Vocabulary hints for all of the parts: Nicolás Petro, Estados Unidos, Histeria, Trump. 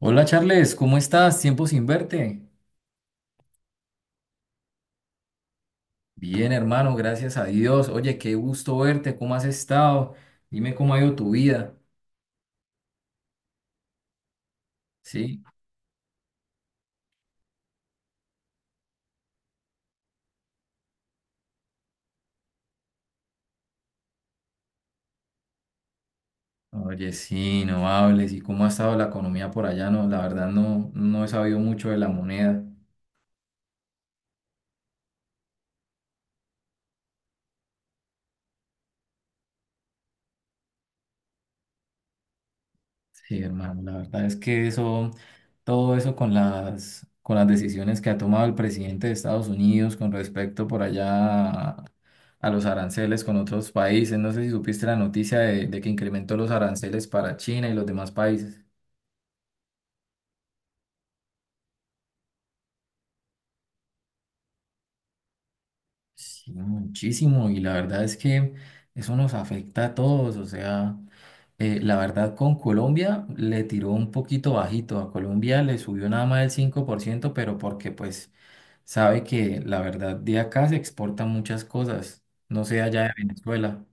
Hola Charles, ¿cómo estás? Tiempo sin verte. Bien, hermano, gracias a Dios. Oye, qué gusto verte, ¿cómo has estado? Dime cómo ha ido tu vida, ¿sí? Oye, sí, no hables. ¿Y cómo ha estado la economía por allá? No, la verdad no he sabido mucho de la moneda. Sí, hermano, la verdad es que eso, todo eso con las decisiones que ha tomado el presidente de Estados Unidos con respecto por allá a los aranceles con otros países. No sé si supiste la noticia de que incrementó los aranceles para China y los demás países. Sí, muchísimo. Y la verdad es que eso nos afecta a todos. O sea, la verdad con Colombia le tiró un poquito bajito. A Colombia le subió nada más el 5%, pero porque pues sabe que la verdad de acá se exportan muchas cosas. No sé allá de Venezuela.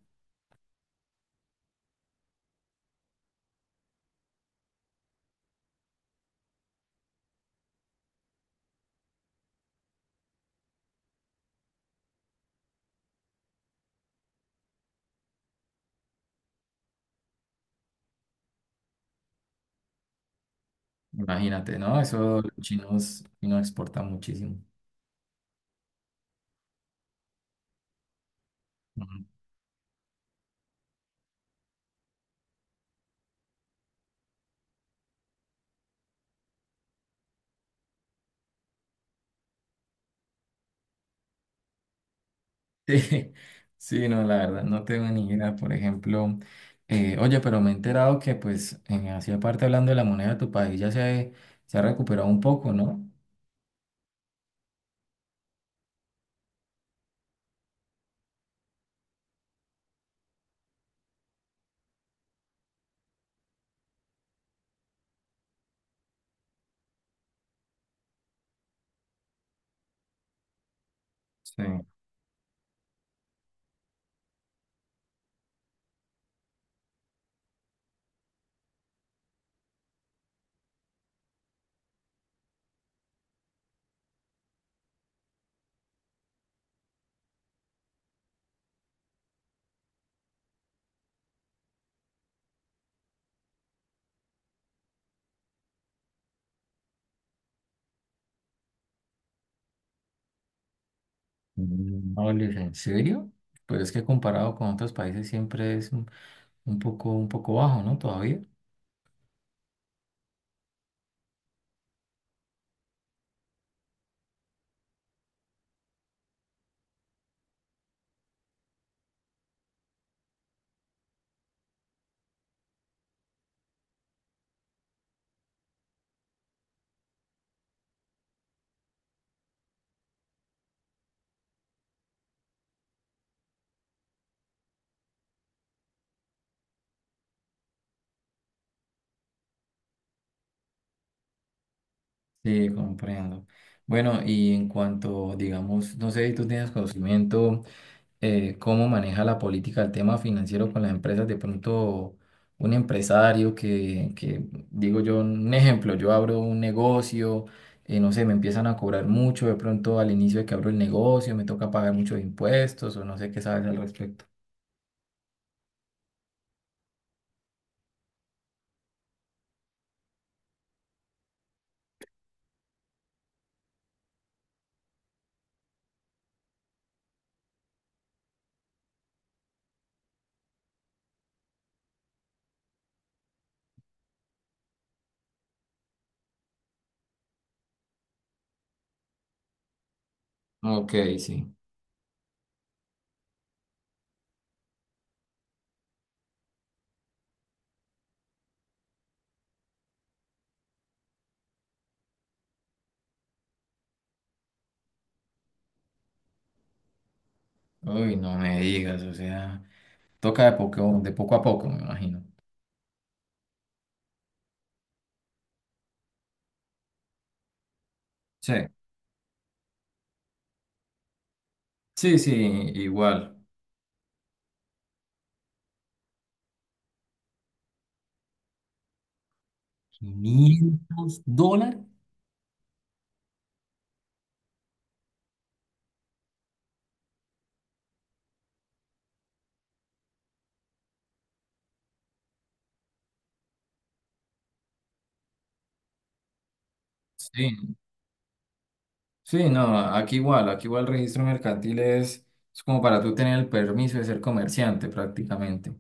Imagínate, ¿no? Eso los chinos exportan muchísimo. Sí, sí, no, la verdad, no tengo ni idea. Por ejemplo, oye, pero me he enterado que, pues, en Asia, aparte hablando de la moneda de tu país, se ha recuperado un poco, ¿no? Sí. Mm. Ole, ¿en serio? Pues es que comparado con otros países siempre es un, un poco bajo, ¿no? Todavía. Sí, comprendo. Bueno, y en cuanto, digamos, no sé si tú tienes conocimiento. Cómo maneja la política el tema financiero con las empresas. De pronto, un empresario digo yo, un ejemplo, yo abro un negocio, no sé, me empiezan a cobrar mucho, de pronto al inicio de que abro el negocio, me toca pagar muchos impuestos o no sé qué sabes al respecto. Ok, sí. Uy, no me digas, o sea, toca de poco a poco, me imagino. Sí. Sí, sí, igual. ¿500 dólares? Sí, sí, no, aquí igual el registro mercantil es como para tú tener el permiso de ser comerciante prácticamente.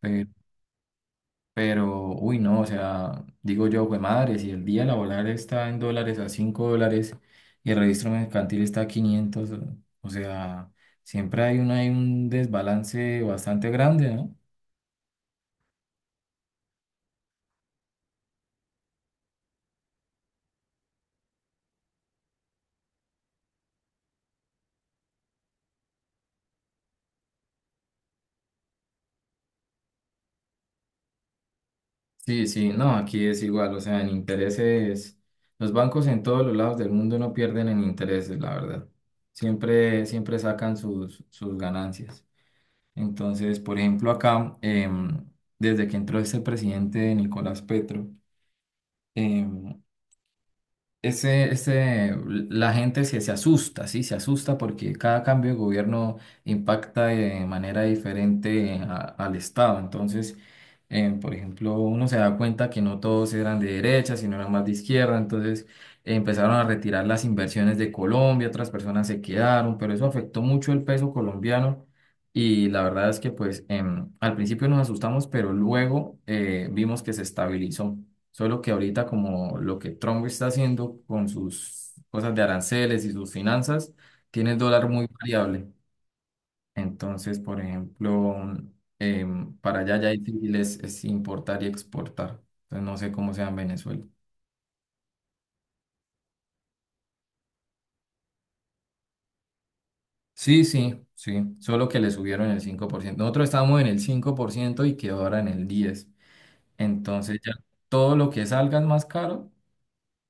Pero, pero, uy, no, o sea, digo yo, güey, madre, si el día laboral está en dólares a $5 y el registro mercantil está a 500, o sea, hay un desbalance bastante grande, ¿no? Sí, sí, no, aquí es igual, o sea, en intereses, los bancos en todos los lados del mundo no pierden en intereses, la verdad. Siempre sacan sus ganancias. Entonces, por ejemplo, acá, desde que entró este presidente Nicolás Petro, em, la gente se asusta, ¿sí? Se asusta porque cada cambio de gobierno impacta de manera diferente al Estado. Entonces, por ejemplo, uno se da cuenta que no todos eran de derecha, sino eran más de izquierda. Entonces, empezaron a retirar las inversiones de Colombia, otras personas se quedaron, pero eso afectó mucho el peso colombiano. Y la verdad es que, pues, al principio nos asustamos, pero luego vimos que se estabilizó. Solo que ahorita como lo que Trump está haciendo con sus cosas de aranceles y sus finanzas, tiene el dólar muy variable. Entonces, por ejemplo, para allá ya difícil es importar y exportar. Entonces, no sé cómo sea en Venezuela. Sí, sí, sí. Solo que le subieron el 5%. Nosotros estábamos en el 5% y quedó ahora en el 10%. Entonces ya todo lo que salga es más caro,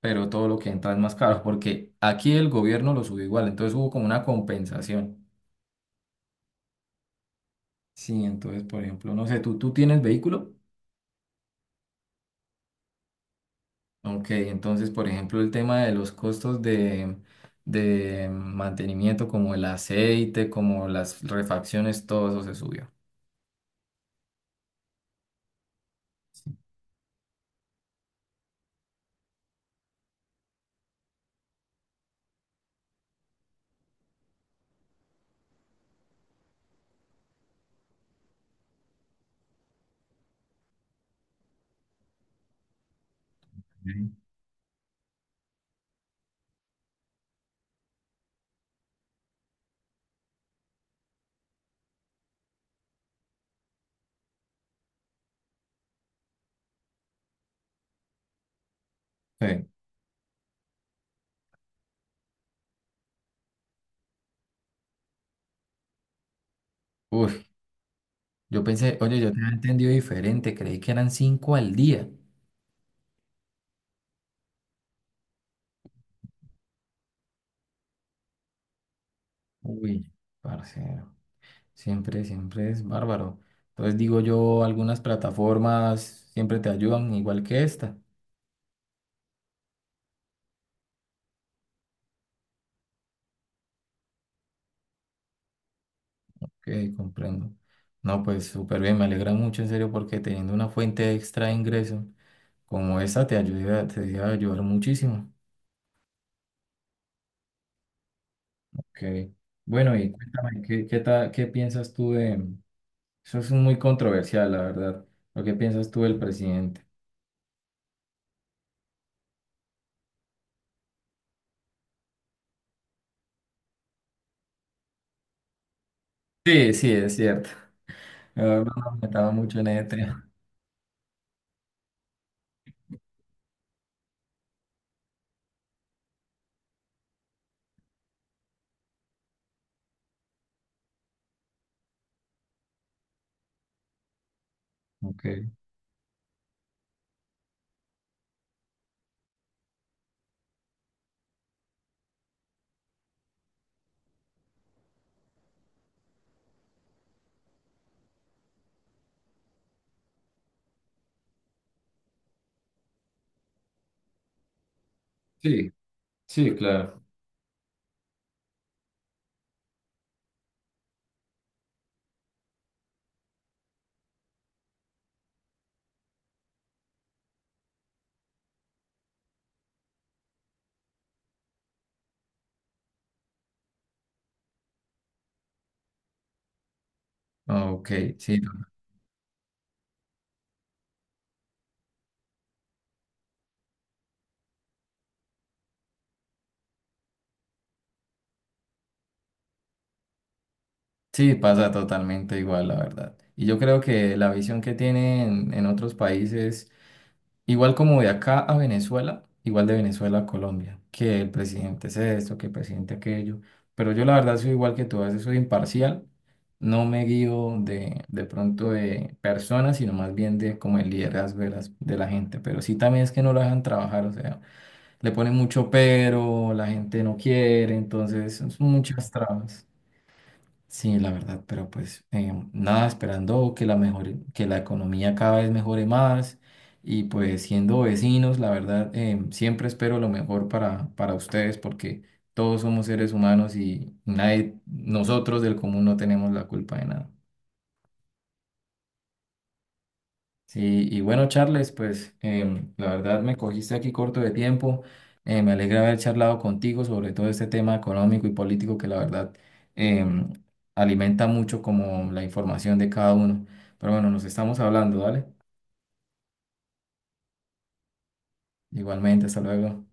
pero todo lo que entra es más caro, porque aquí el gobierno lo subió igual. Entonces hubo como una compensación. Sí, entonces, por ejemplo, no sé, tú tienes vehículo. Ok, entonces, por ejemplo, el tema de los costos de mantenimiento, como el aceite, como las refacciones, todo eso se subió. Sí. Sí. Uy, yo pensé, oye, yo te había entendido diferente, creí que eran cinco al día. Uy, parcero, siempre es bárbaro. Entonces digo yo, algunas plataformas siempre te ayudan, igual que esta. Ok, comprendo. No, pues súper bien, me alegra mucho en serio porque teniendo una fuente extra de ingreso como esa te ayuda, te debe ayudar muchísimo. Ok. Bueno, y cuéntame, ¿ qué piensas tú de... Eso es muy controversial, la verdad. ¿Lo que piensas tú del presidente? Sí, sí, es cierto. La verdad, no me metaba mucho en ese tema. Ok. Sí, sí, claro. Ok, sí, no, sí, pasa totalmente igual, la verdad. Y yo creo que la visión que tienen en otros países... Igual como de acá a Venezuela, igual de Venezuela a Colombia, que el presidente es esto, que el presidente aquello, pero yo la verdad soy igual que tú, a veces soy imparcial, no me guío de pronto de personas, sino más bien de como el liderazgo de la gente, pero sí también es que no lo dejan trabajar, o sea, le ponen mucho pero, la gente no quiere, entonces son muchas trabas. Sí, la verdad, pero pues nada, esperando que la mejore, que la economía cada vez mejore más y pues siendo vecinos, la verdad, siempre espero lo mejor para ustedes porque todos somos seres humanos y nadie, nosotros del común no tenemos la culpa de nada. Sí, y bueno, Charles, pues la verdad me cogiste aquí corto de tiempo. Me alegra haber charlado contigo sobre todo este tema económico y político que la verdad em, alimenta mucho como la información de cada uno. Pero bueno, nos estamos hablando, ¿vale? Igualmente, hasta luego.